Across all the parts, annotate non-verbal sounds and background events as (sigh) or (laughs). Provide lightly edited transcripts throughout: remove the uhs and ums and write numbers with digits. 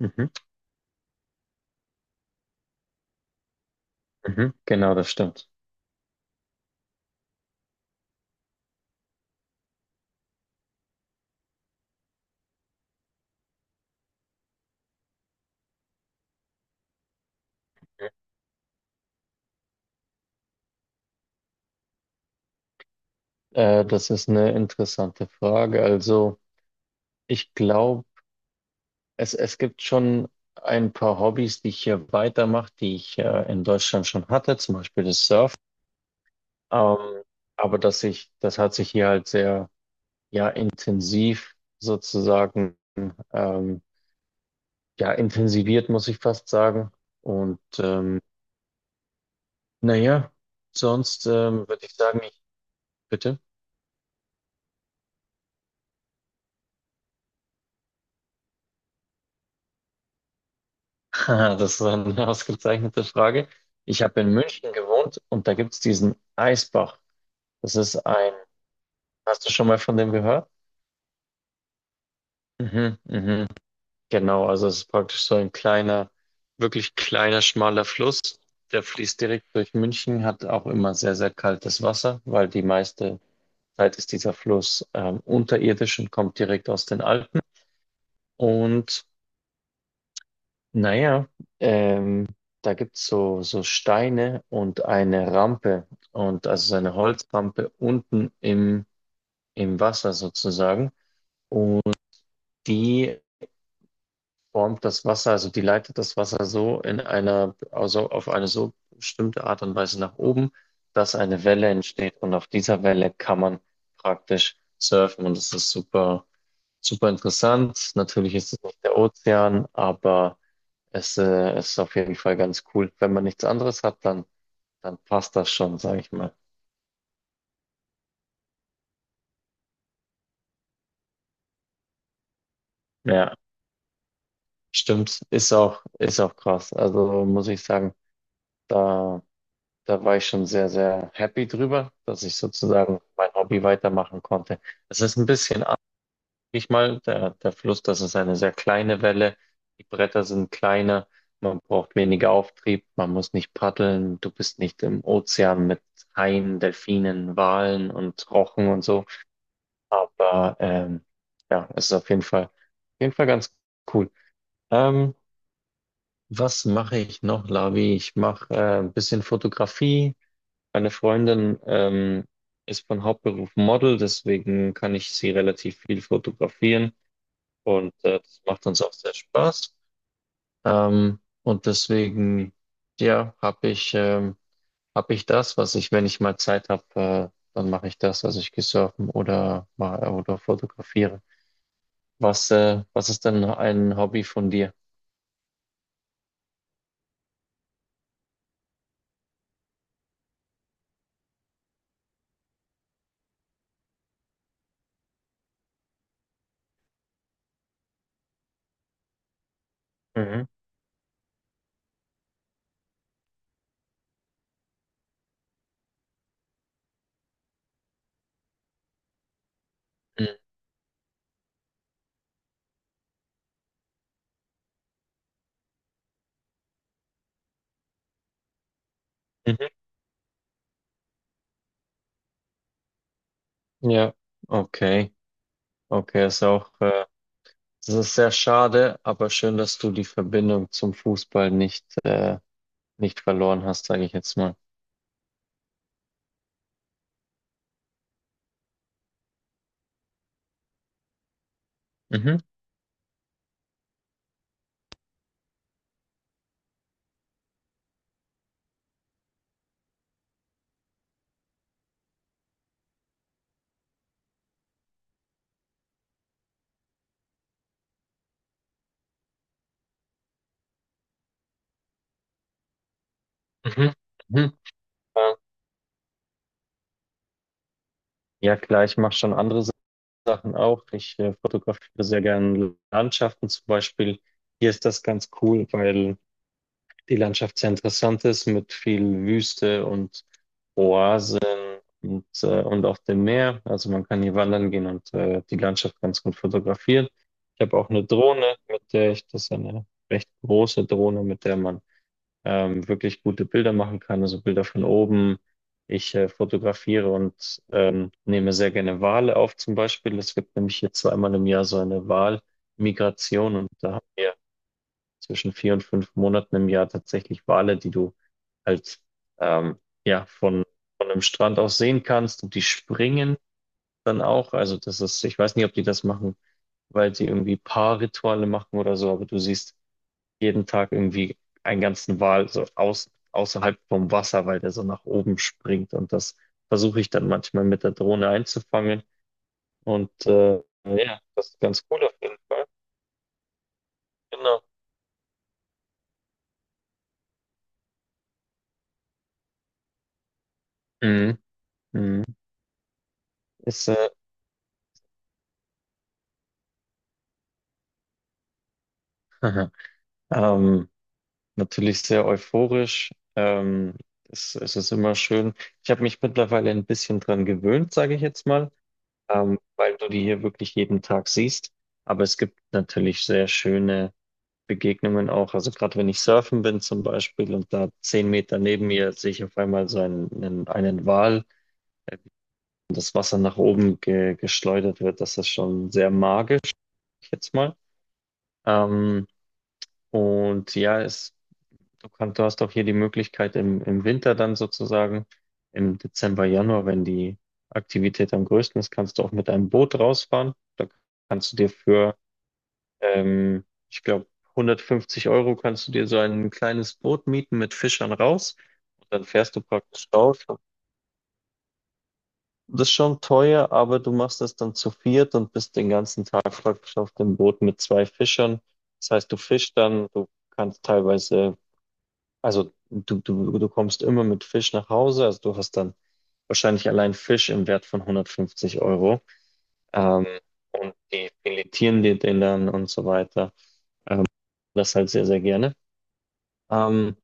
Mhm. Mhm. Genau, das stimmt. Das ist eine interessante Frage. Also, ich glaube, es gibt schon ein paar Hobbys, die ich hier weitermache, die ich in Deutschland schon hatte, zum Beispiel das Surfen. Ähm, aber das hat sich hier halt sehr, ja, intensiv sozusagen, ähm, ja, intensiviert, muss ich fast sagen. Und naja, sonst würde ich sagen, ich, bitte. (laughs) Haha, das ist eine ausgezeichnete Frage. Ich habe in München gewohnt und da gibt es diesen Eisbach. Das ist ein, Hast du schon mal von dem gehört? Mhm, mhm. Genau, also es ist praktisch so ein kleiner, wirklich kleiner, schmaler Fluss. Der fließt direkt durch München, hat auch immer sehr, sehr kaltes Wasser, weil die meiste Zeit ist dieser Fluss unterirdisch und kommt direkt aus den Alpen. Und naja, ähm, da gibt's so Steine und eine Rampe und also so eine Holzrampe unten im Wasser sozusagen. Und die formt das Wasser, also die leitet das Wasser so also auf eine so bestimmte Art und Weise nach oben, dass eine Welle entsteht und auf dieser Welle kann man praktisch surfen und das ist super, super interessant. Natürlich ist es nicht der Ozean, aber es ist auf jeden Fall ganz cool. Wenn man nichts anderes hat, dann passt das schon, sage ich mal. Ja, stimmt, ist auch krass. Also muss ich sagen, da da war ich schon sehr, sehr happy drüber, dass ich sozusagen mein Hobby weitermachen konnte. Es ist ein bisschen anders, sag ich mal, der Fluss, das ist eine sehr kleine Welle, die Bretter sind kleiner, man braucht weniger Auftrieb, man muss nicht paddeln, du bist nicht im Ozean mit Haien, Delfinen, Walen und Rochen und so, aber ja, es ist auf jeden Fall ganz cool. Ähm, was mache ich noch, Lavi? Ich mache ein bisschen Fotografie, meine Freundin ist von Hauptberuf Model, deswegen kann ich sie relativ viel fotografieren und das macht uns auch sehr Spaß. Und deswegen, ja, hab ich das, was ich, wenn ich mal Zeit habe, dann mache ich das, also ich gehe surfen oder fotografiere. Was ist denn ein Hobby von dir? Mhm. Mhm. Ja, okay. Okay, ist auch. Das ist sehr schade, aber schön, dass du die Verbindung zum Fußball nicht verloren hast, sage ich jetzt mal. Mhm, mhm, mhm. Ähm, Ja, klar, ich mache schon andere Sachen auch. Ich fotografiere sehr gerne Landschaften zum Beispiel. Hier ist das ganz cool, weil die Landschaft sehr interessant ist mit viel Wüste und Oasen und auf dem Meer. Also man kann hier wandern gehen und die Landschaft ganz gut fotografieren. Ich habe auch eine Drohne, das ist eine recht große Drohne, mit der man wirklich gute Bilder machen kann, also Bilder von oben. Ich fotografiere und nehme sehr gerne Wale auf zum Beispiel. Es gibt nämlich hier zweimal im Jahr so eine Walmigration und da haben wir zwischen 4 und 5 Monaten im Jahr tatsächlich Wale, die du halt ähm, ja von einem Strand aus sehen kannst und die springen dann auch. Also das ist, ich weiß nicht, ob die das machen, weil sie irgendwie Paarrituale machen oder so, aber du siehst jeden Tag irgendwie einen ganzen Wal so außerhalb vom Wasser, weil der so nach oben springt und das versuche ich dann manchmal mit der Drohne einzufangen und ja, das ist ganz cool auf jeden Fall. Genau. Mhm. Mhm. Ist, äh, (laughs) ähm, natürlich sehr euphorisch. Es ist immer schön. Ich habe mich mittlerweile ein bisschen dran gewöhnt, sage ich jetzt mal, weil du die hier wirklich jeden Tag siehst. Aber es gibt natürlich sehr schöne Begegnungen auch. Also gerade wenn ich surfen bin zum Beispiel und da 10 Meter neben mir sehe ich auf einmal so einen Wal, äh, wie das Wasser nach oben geschleudert wird. Das ist schon sehr magisch, sag ich jetzt mal. Ähm, und ja, du hast auch hier die Möglichkeit im Winter dann sozusagen, im Dezember, Januar, wenn die Aktivität am größten ist, kannst du auch mit einem Boot rausfahren. Da kannst du dir für, ähm, ich glaube, 150 € kannst du dir so ein kleines Boot mieten mit Fischern raus. Und dann fährst du praktisch raus. Das ist schon teuer, aber du machst das dann zu viert und bist den ganzen Tag praktisch auf dem Boot mit zwei Fischern. Das heißt, du fischst dann, du kannst teilweise. Also du kommst immer mit Fisch nach Hause, also du hast dann wahrscheinlich allein Fisch im Wert von 150 Euro. Ähm, und die filetieren dir den dann und so weiter. Das halt sehr, sehr gerne. Ähm,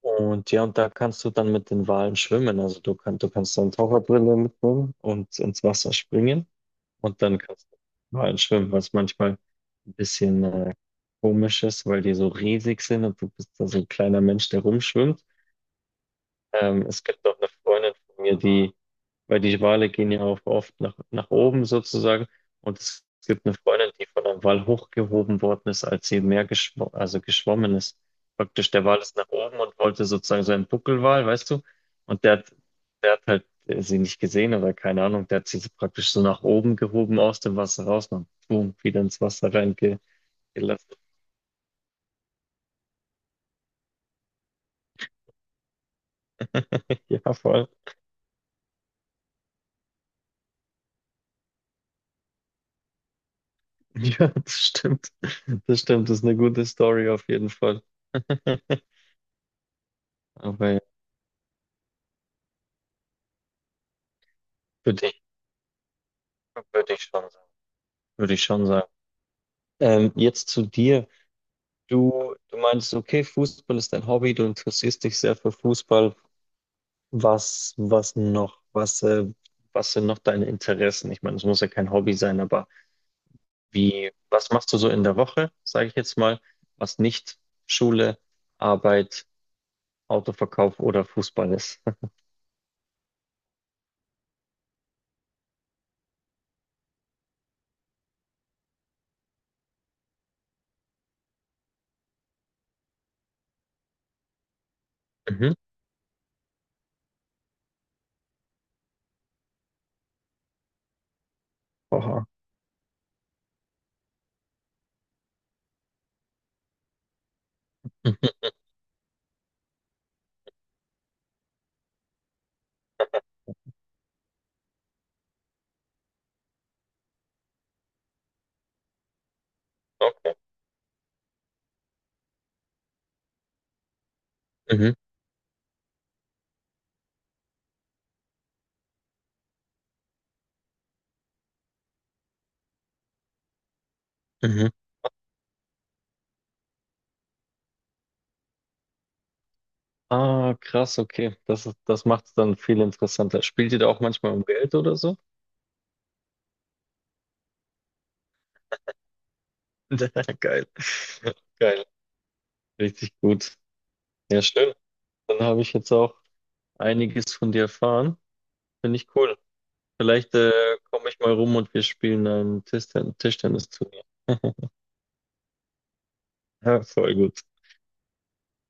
und ja, und da kannst du dann mit den Walen schwimmen. Also du kannst dann Taucherbrille mitnehmen und ins Wasser springen. Und dann kannst du mit den Walen schwimmen, was manchmal ein bisschen komisch ist, weil die so riesig sind und du bist da so ein kleiner Mensch, der rumschwimmt. Es gibt auch eine Freundin von mir, die, weil die Wale gehen ja auch oft nach oben sozusagen. Und es gibt eine Freundin, die von einem Wal hochgehoben worden ist, als sie im Meer geschw also geschwommen ist. Praktisch der Wal ist nach oben und wollte sozusagen so einen Buckelwal, weißt du? Und der hat halt sie nicht gesehen oder keine Ahnung, der hat sie so praktisch so nach oben gehoben aus dem Wasser raus und boom, wieder ins Wasser reingelassen. (laughs) Ja, voll. (laughs) Ja, das stimmt. Das stimmt, das ist eine gute Story auf jeden Fall. (laughs) Aber ja, würde ich, würde ich schon sagen. Würde ich schon sagen. Jetzt zu dir. Du meinst, okay, Fußball ist dein Hobby, du interessierst dich sehr für Fußball. Was noch? Was sind noch deine Interessen? Ich meine, es muss ja kein Hobby sein, aber was machst du so in der Woche, sage ich jetzt mal, was nicht Schule, Arbeit, Autoverkauf oder Fußball ist? (laughs) Mhm. Oha. Mhm. Mhm. Ah, krass, okay. Das macht es dann viel interessanter. Spielt ihr da auch manchmal um Geld oder so? (laughs) Geil. Geil. Richtig gut. Ja, schön. Dann habe ich jetzt auch einiges von dir erfahren. Finde ich cool. Vielleicht komme ich mal rum und wir spielen ein Tischtennisturnier. (laughs) Ja, voll gut.